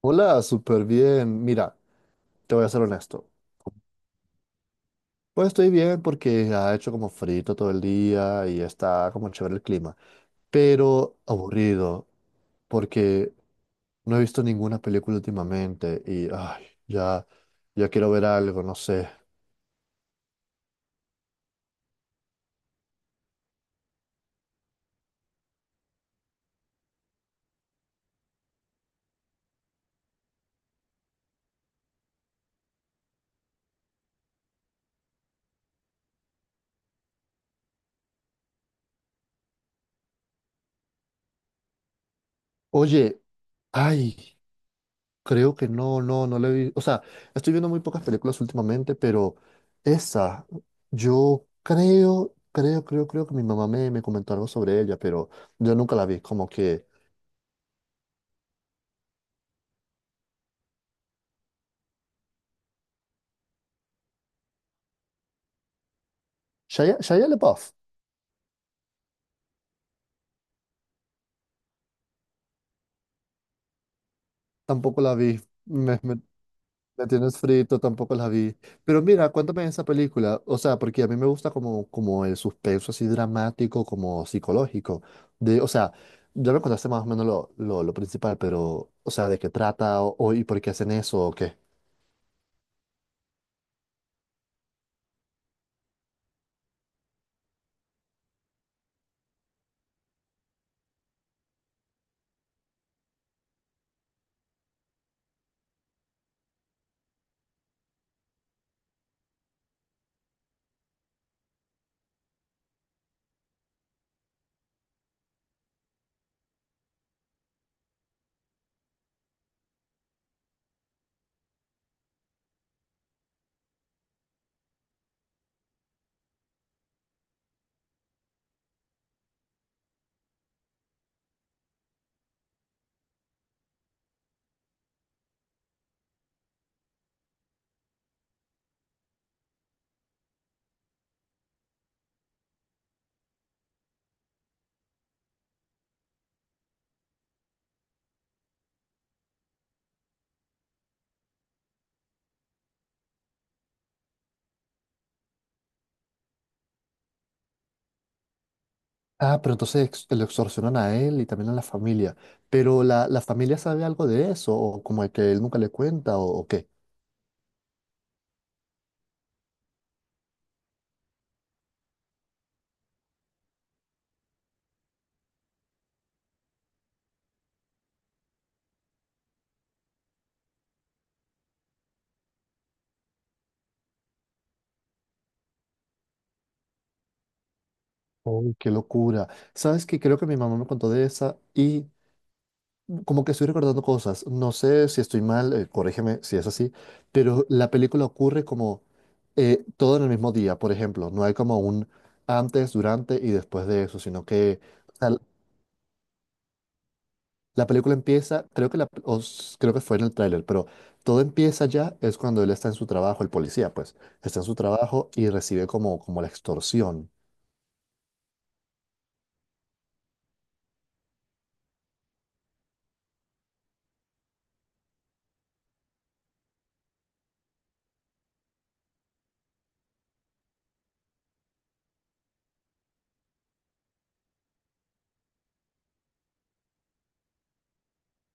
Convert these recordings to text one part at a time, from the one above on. Hola, súper bien. Mira, te voy a ser honesto. Pues estoy bien porque ha hecho como frito todo el día y está como chévere el clima, pero aburrido porque no he visto ninguna película últimamente y ay, ya, ya quiero ver algo, no sé. Oye, ay. Creo que no la he visto. O sea, estoy viendo muy pocas películas últimamente, pero esa, yo creo que mi mamá me comentó algo sobre ella, pero yo nunca la vi. Como que Shia LaBeouf, tampoco la vi. Me, me, me tienes frito, tampoco la vi. Pero mira, cuéntame esa película. O sea, porque a mí me gusta como el suspenso así dramático, como psicológico. De, o sea, ya me contaste más o menos lo principal, pero, o sea, ¿de qué trata o, y por qué hacen eso o qué? Ah, pero entonces lo extorsionan a él y también a la familia. Pero la familia sabe algo de eso, o como que él nunca le cuenta, o qué. Uy, qué locura. Sabes que creo que mi mamá me contó de esa y como que estoy recordando cosas. No sé si estoy mal, corrígeme si es así, pero la película ocurre como todo en el mismo día, por ejemplo. No hay como un antes, durante y después de eso, sino que o sea, la película empieza, creo que, la, creo que fue en el tráiler, pero todo empieza ya, es cuando él está en su trabajo, el policía, pues, está en su trabajo y recibe como la extorsión.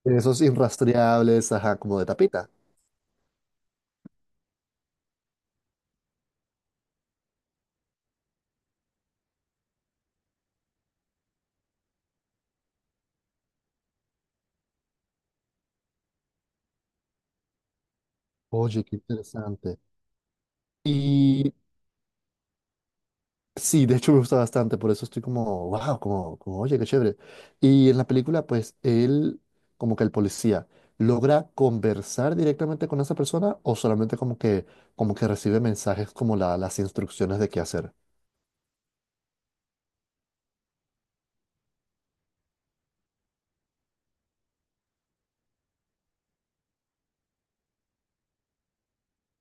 Esos irrastreables, ajá, como de tapita. Oye, qué interesante. Y sí, de hecho me gusta bastante, por eso estoy como, wow, oye, qué chévere. Y en la película, pues, él, como que el policía, logra conversar directamente con esa persona o solamente como que recibe mensajes como las instrucciones de qué hacer.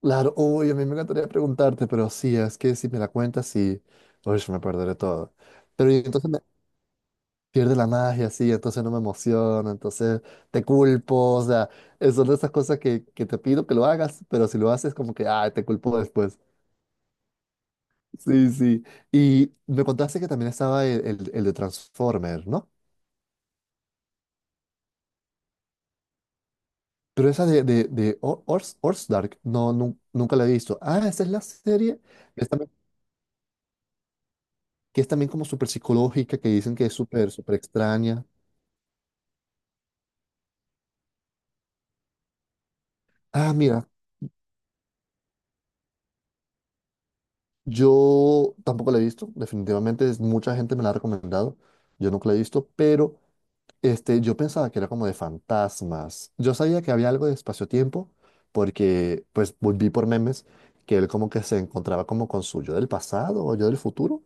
Claro, uy, a mí me encantaría preguntarte, pero sí, es que si me la cuentas, sí, uy, me perderé todo. Pero y entonces me pierde la magia, sí, entonces no me emociona, entonces te culpo, o sea, son de esas cosas que te pido que lo hagas, pero si lo haces, como que, ay, te culpo después. Sí, sí. Y me contaste que también estaba el de Transformer, ¿no? Pero esa de Ors, Dark, no, nunca la he visto. Ah, esa es la serie que es también, que es también como súper psicológica, que dicen que es súper extraña. Ah, mira, yo tampoco la he visto, definitivamente mucha gente me la ha recomendado, yo nunca la he visto, pero este, yo pensaba que era como de fantasmas. Yo sabía que había algo de espacio-tiempo, porque pues volví por memes que él como que se encontraba como con su yo del pasado o yo del futuro.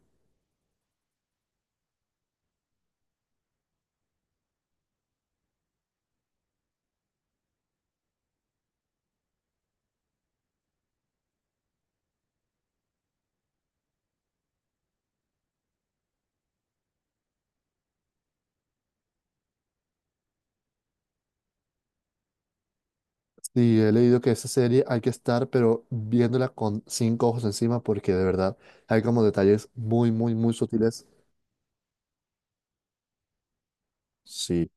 Sí, he leído que esa serie hay que estar, pero viéndola con cinco ojos encima, porque de verdad hay como detalles muy sutiles. Sí.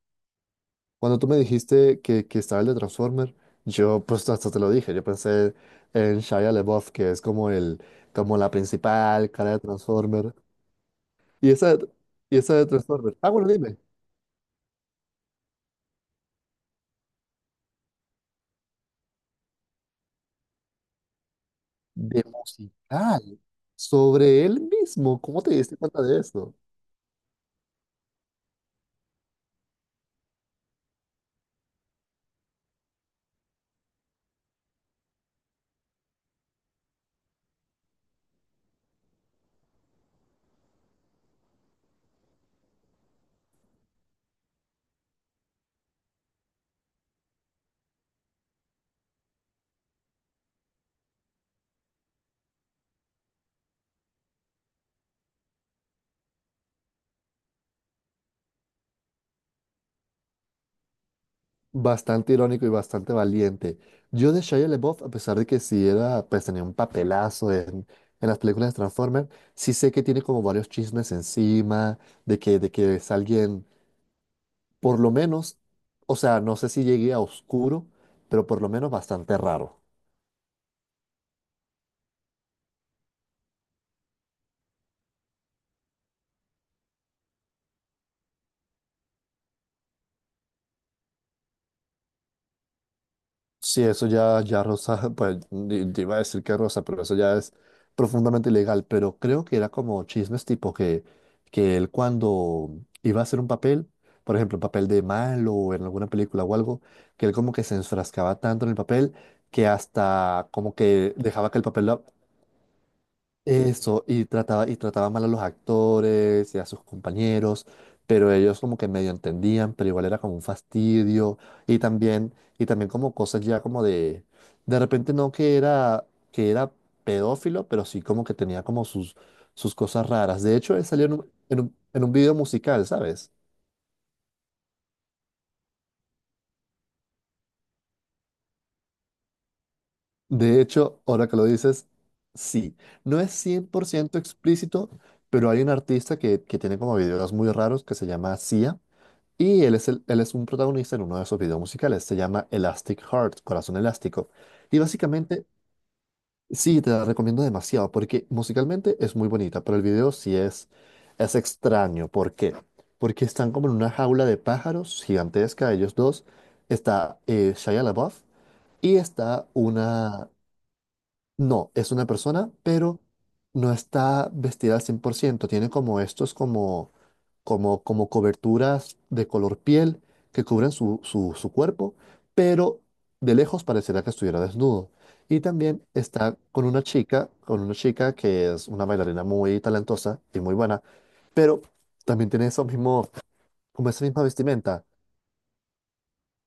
Cuando tú me dijiste que estaba el de Transformer, yo pues hasta te lo dije, yo pensé en Shia LaBeouf, que es como el, como la principal cara de Transformer. Y esa, y esa de Transformer. Ah, bueno, dime, de musical, sobre él mismo, ¿cómo te diste cuenta de eso? Bastante irónico y bastante valiente. Yo de Shia LaBeouf, a pesar de que sí era, pues tenía un papelazo en las películas de Transformer, sí sé que tiene como varios chismes encima de de que es alguien. Por lo menos, o sea, no sé si llegué a oscuro, pero por lo menos bastante raro. Sí, eso ya, ya rosa, pues te iba a decir que rosa, pero eso ya es profundamente ilegal. Pero creo que era como chismes tipo que él cuando iba a hacer un papel, por ejemplo, un papel de malo o en alguna película o algo, que él como que se enfrascaba tanto en el papel que hasta como que dejaba que el papel lo- Eso, y trataba mal a los actores y a sus compañeros, pero ellos como que medio entendían, pero igual era como un fastidio, y también como cosas ya como de repente no que era, que era pedófilo, pero sí como que tenía como sus, sus cosas raras. De hecho, él salió en en un video musical, ¿sabes? De hecho, ahora que lo dices, sí, no es 100% explícito, pero hay un artista que tiene como videos muy raros que se llama Sia. Y él es, él es un protagonista en uno de esos videos musicales. Se llama Elastic Heart, Corazón Elástico. Y básicamente, sí, te la recomiendo demasiado porque musicalmente es muy bonita, pero el video sí es extraño. ¿Por qué? Porque están como en una jaula de pájaros gigantesca, ellos dos. Está Shia LaBeouf y está una, no, es una persona, pero no está vestida al 100%. Tiene como estos, como coberturas de color piel que cubren su cuerpo, pero de lejos parecerá que estuviera desnudo. Y también está con una chica que es una bailarina muy talentosa y muy buena, pero también tiene eso mismo, como esa misma vestimenta,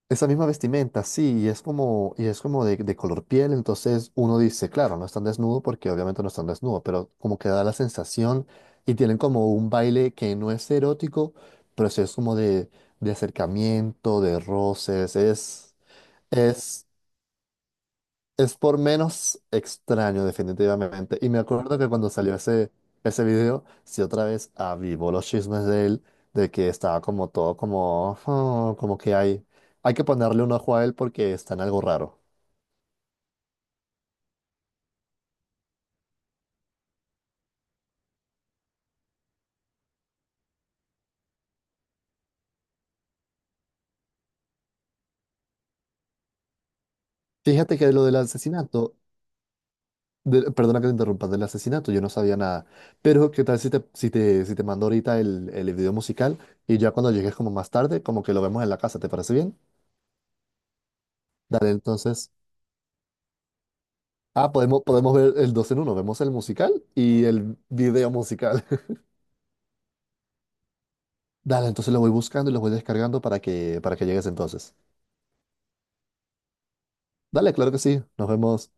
esa misma vestimenta, sí, y es como de color piel, entonces uno dice, claro, no están desnudo porque obviamente no están desnudo, pero como que da la sensación y tienen como un baile que no es erótico, pero sí es como de acercamiento, de roces, es es por menos extraño, definitivamente. Y me acuerdo que cuando salió ese, ese video, sí otra vez avivó los chismes de él, de que estaba como todo como, "Oh, como que hay que ponerle un ojo a él porque está en algo raro". Fíjate que lo del asesinato, perdona que te interrumpa, del asesinato, yo no sabía nada. Pero qué tal si te, si te mando ahorita el video musical y ya cuando llegues como más tarde, como que lo vemos en la casa, ¿te parece bien? Dale, entonces. Ah, podemos, podemos ver el dos en uno. Vemos el musical y el video musical. Dale, entonces lo voy buscando y lo voy descargando para para que llegues entonces. Dale, claro que sí. Nos vemos.